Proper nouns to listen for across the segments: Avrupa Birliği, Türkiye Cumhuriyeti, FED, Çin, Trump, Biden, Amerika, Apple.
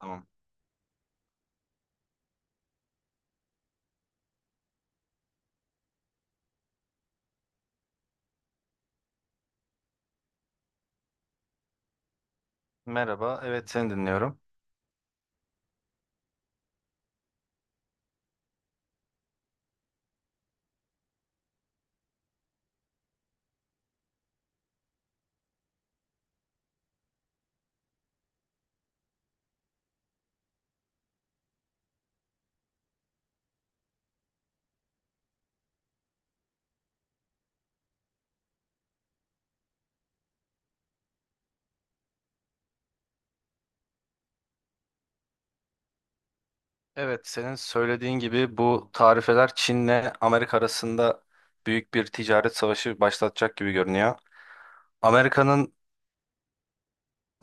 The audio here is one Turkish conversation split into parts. Tamam. Merhaba, evet seni dinliyorum. Evet, senin söylediğin gibi bu tarifeler Çin'le Amerika arasında büyük bir ticaret savaşı başlatacak gibi görünüyor. Amerika'nın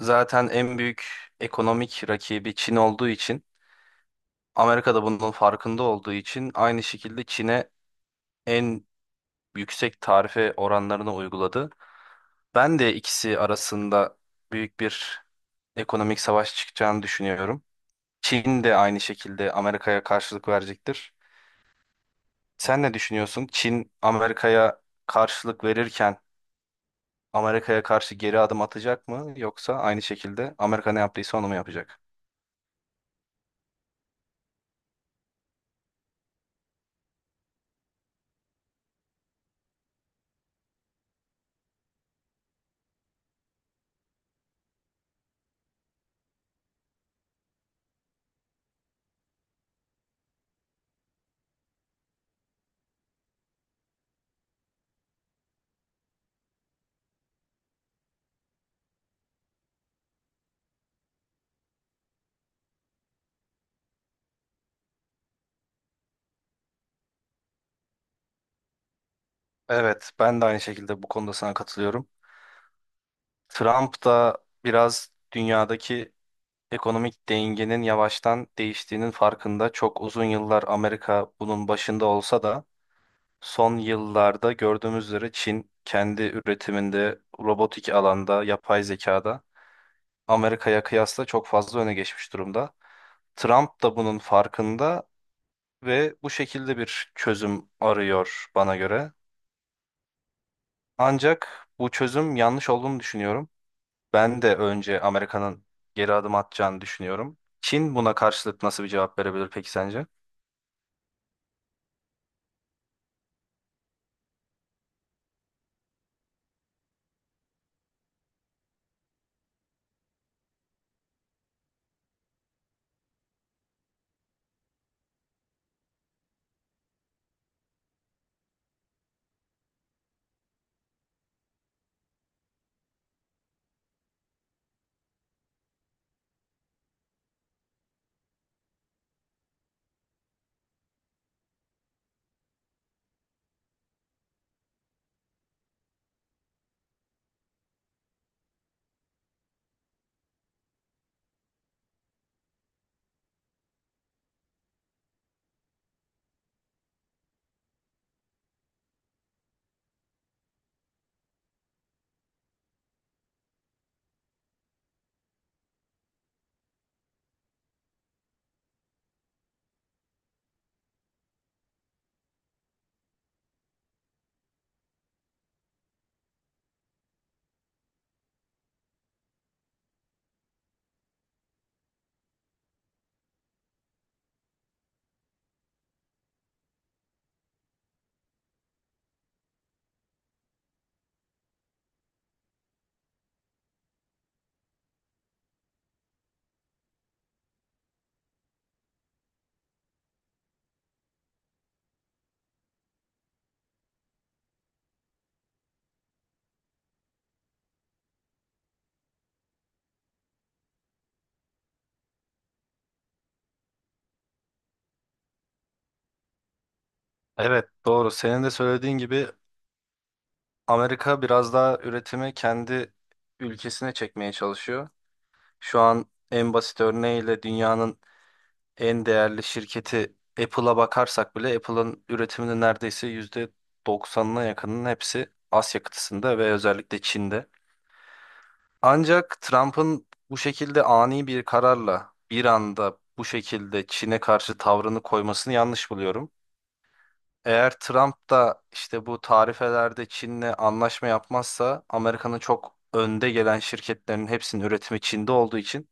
zaten en büyük ekonomik rakibi Çin olduğu için, Amerika da bunun farkında olduğu için aynı şekilde Çin'e en yüksek tarife oranlarını uyguladı. Ben de ikisi arasında büyük bir ekonomik savaş çıkacağını düşünüyorum. Çin de aynı şekilde Amerika'ya karşılık verecektir. Sen ne düşünüyorsun? Çin Amerika'ya karşılık verirken Amerika'ya karşı geri adım atacak mı yoksa aynı şekilde Amerika ne yaptıysa onu mu yapacak? Evet, ben de aynı şekilde bu konuda sana katılıyorum. Trump da biraz dünyadaki ekonomik dengenin yavaştan değiştiğinin farkında. Çok uzun yıllar Amerika bunun başında olsa da son yıllarda gördüğümüz üzere Çin kendi üretiminde, robotik alanda, yapay zekada Amerika'ya kıyasla çok fazla öne geçmiş durumda. Trump da bunun farkında ve bu şekilde bir çözüm arıyor bana göre. Ancak bu çözüm yanlış olduğunu düşünüyorum. Ben de önce Amerika'nın geri adım atacağını düşünüyorum. Çin buna karşılık nasıl bir cevap verebilir peki sence? Evet, doğru. Senin de söylediğin gibi Amerika biraz daha üretimi kendi ülkesine çekmeye çalışıyor. Şu an en basit örneğiyle dünyanın en değerli şirketi Apple'a bakarsak bile Apple'ın üretiminin neredeyse %90'ına yakınının hepsi Asya kıtasında ve özellikle Çin'de. Ancak Trump'ın bu şekilde ani bir kararla bir anda bu şekilde Çin'e karşı tavrını koymasını yanlış buluyorum. Eğer Trump da işte bu tarifelerde Çin'le anlaşma yapmazsa Amerika'nın çok önde gelen şirketlerin hepsinin üretimi Çin'de olduğu için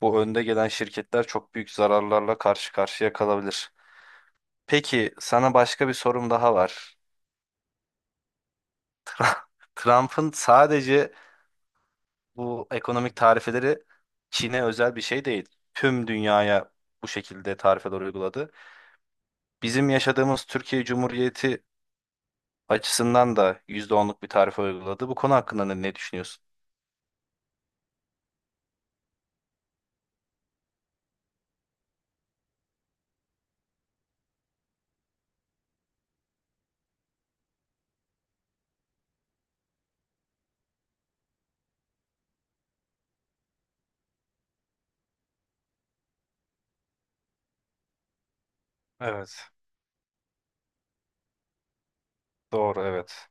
bu önde gelen şirketler çok büyük zararlarla karşı karşıya kalabilir. Peki sana başka bir sorum daha var. Trump'ın sadece bu ekonomik tarifeleri Çin'e özel bir şey değil. Tüm dünyaya bu şekilde tarifeler uyguladı. Bizim yaşadığımız Türkiye Cumhuriyeti açısından da yüzde onluk bir tarife uyguladı. Bu konu hakkında ne, ne düşünüyorsun? Evet, doğru, evet.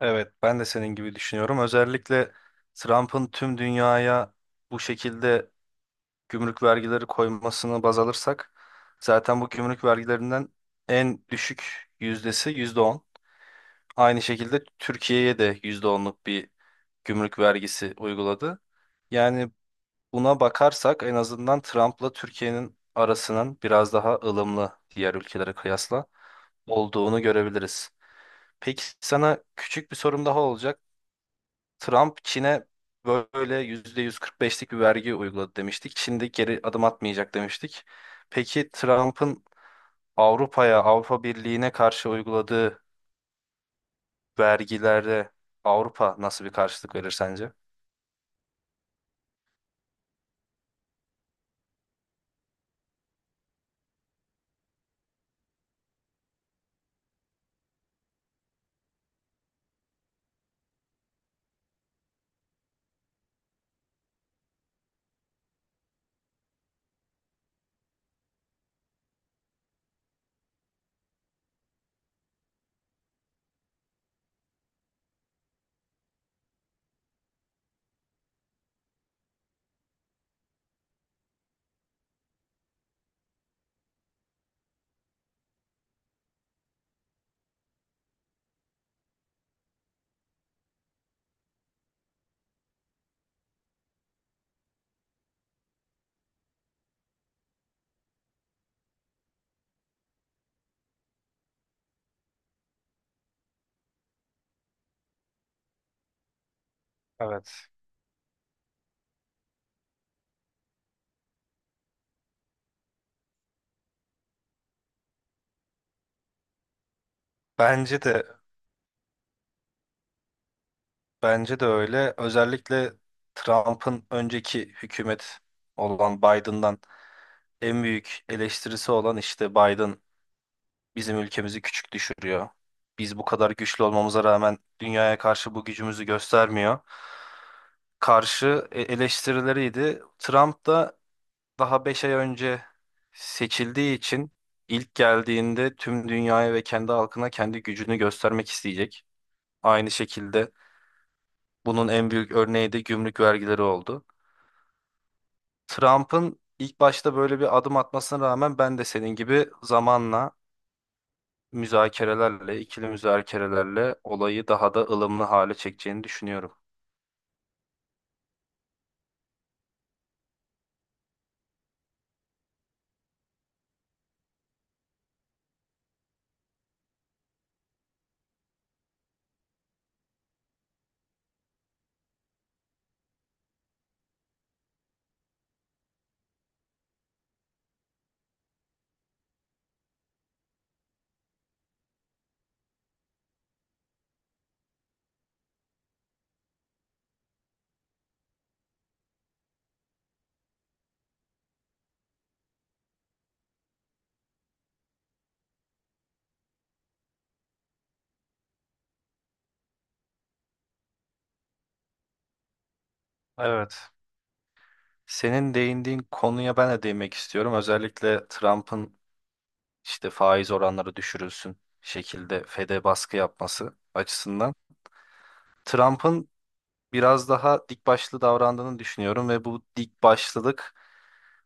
Evet, ben de senin gibi düşünüyorum. Özellikle Trump'ın tüm dünyaya bu şekilde gümrük vergileri koymasını baz alırsak zaten bu gümrük vergilerinden en düşük yüzdesi %10. Aynı şekilde Türkiye'ye de yüzde onluk bir gümrük vergisi uyguladı. Yani buna bakarsak en azından Trump'la Türkiye'nin arasının biraz daha ılımlı diğer ülkelere kıyasla olduğunu görebiliriz. Peki sana küçük bir sorum daha olacak. Trump Çin'e böyle %145'lik bir vergi uyguladı demiştik. Çin de geri adım atmayacak demiştik. Peki Trump'ın Avrupa'ya, Avrupa Birliği'ne karşı uyguladığı vergilerde Avrupa nasıl bir karşılık verir sence? Evet. Bence de bence de öyle. Özellikle Trump'ın önceki hükümet olan Biden'dan en büyük eleştirisi olan işte Biden bizim ülkemizi küçük düşürüyor. Biz bu kadar güçlü olmamıza rağmen dünyaya karşı bu gücümüzü göstermiyor. Karşı eleştirileriydi. Trump da daha 5 ay önce seçildiği için ilk geldiğinde tüm dünyaya ve kendi halkına kendi gücünü göstermek isteyecek. Aynı şekilde bunun en büyük örneği de gümrük vergileri oldu. Trump'ın ilk başta böyle bir adım atmasına rağmen ben de senin gibi zamanla müzakerelerle, ikili müzakerelerle olayı daha da ılımlı hale çekeceğini düşünüyorum. Evet. Senin değindiğin konuya ben de değinmek istiyorum. Özellikle Trump'ın işte faiz oranları düşürülsün şekilde FED'e baskı yapması açısından. Trump'ın biraz daha dik başlı davrandığını düşünüyorum ve bu dik başlılık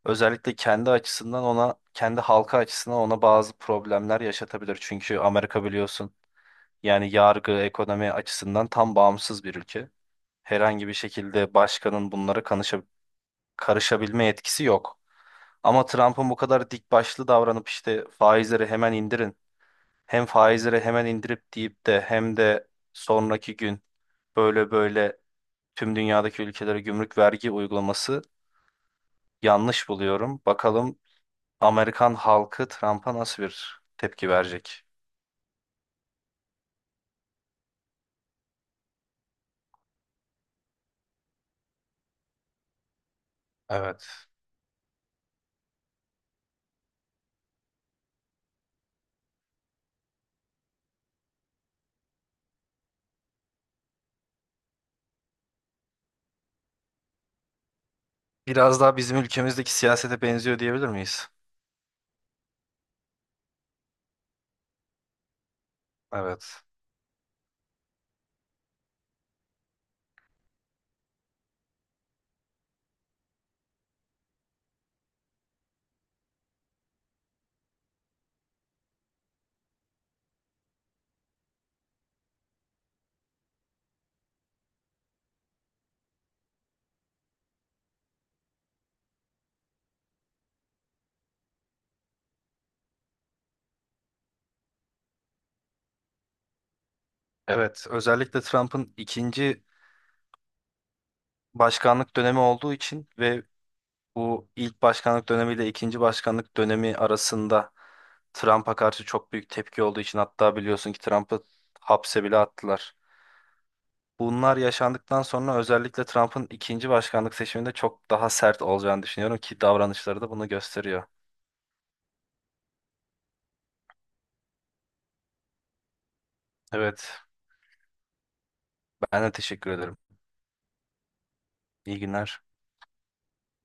özellikle kendi açısından ona, kendi halka açısından ona bazı problemler yaşatabilir. Çünkü Amerika biliyorsun. Yani yargı, ekonomi açısından tam bağımsız bir ülke. Herhangi bir şekilde başkanın bunlara karışabilme yetkisi yok. Ama Trump'ın bu kadar dik başlı davranıp işte faizleri hemen indirin, hem faizleri hemen indirip deyip de hem de sonraki gün böyle böyle tüm dünyadaki ülkelere gümrük vergi uygulaması yanlış buluyorum. Bakalım Amerikan halkı Trump'a nasıl bir tepki verecek? Evet. Biraz daha bizim ülkemizdeki siyasete benziyor diyebilir miyiz? Evet. Evet, özellikle Trump'ın ikinci başkanlık dönemi olduğu için ve bu ilk başkanlık dönemiyle ikinci başkanlık dönemi arasında Trump'a karşı çok büyük tepki olduğu için hatta biliyorsun ki Trump'ı hapse bile attılar. Bunlar yaşandıktan sonra özellikle Trump'ın ikinci başkanlık seçiminde çok daha sert olacağını düşünüyorum ki davranışları da bunu gösteriyor. Evet, ben de teşekkür ederim. İyi günler.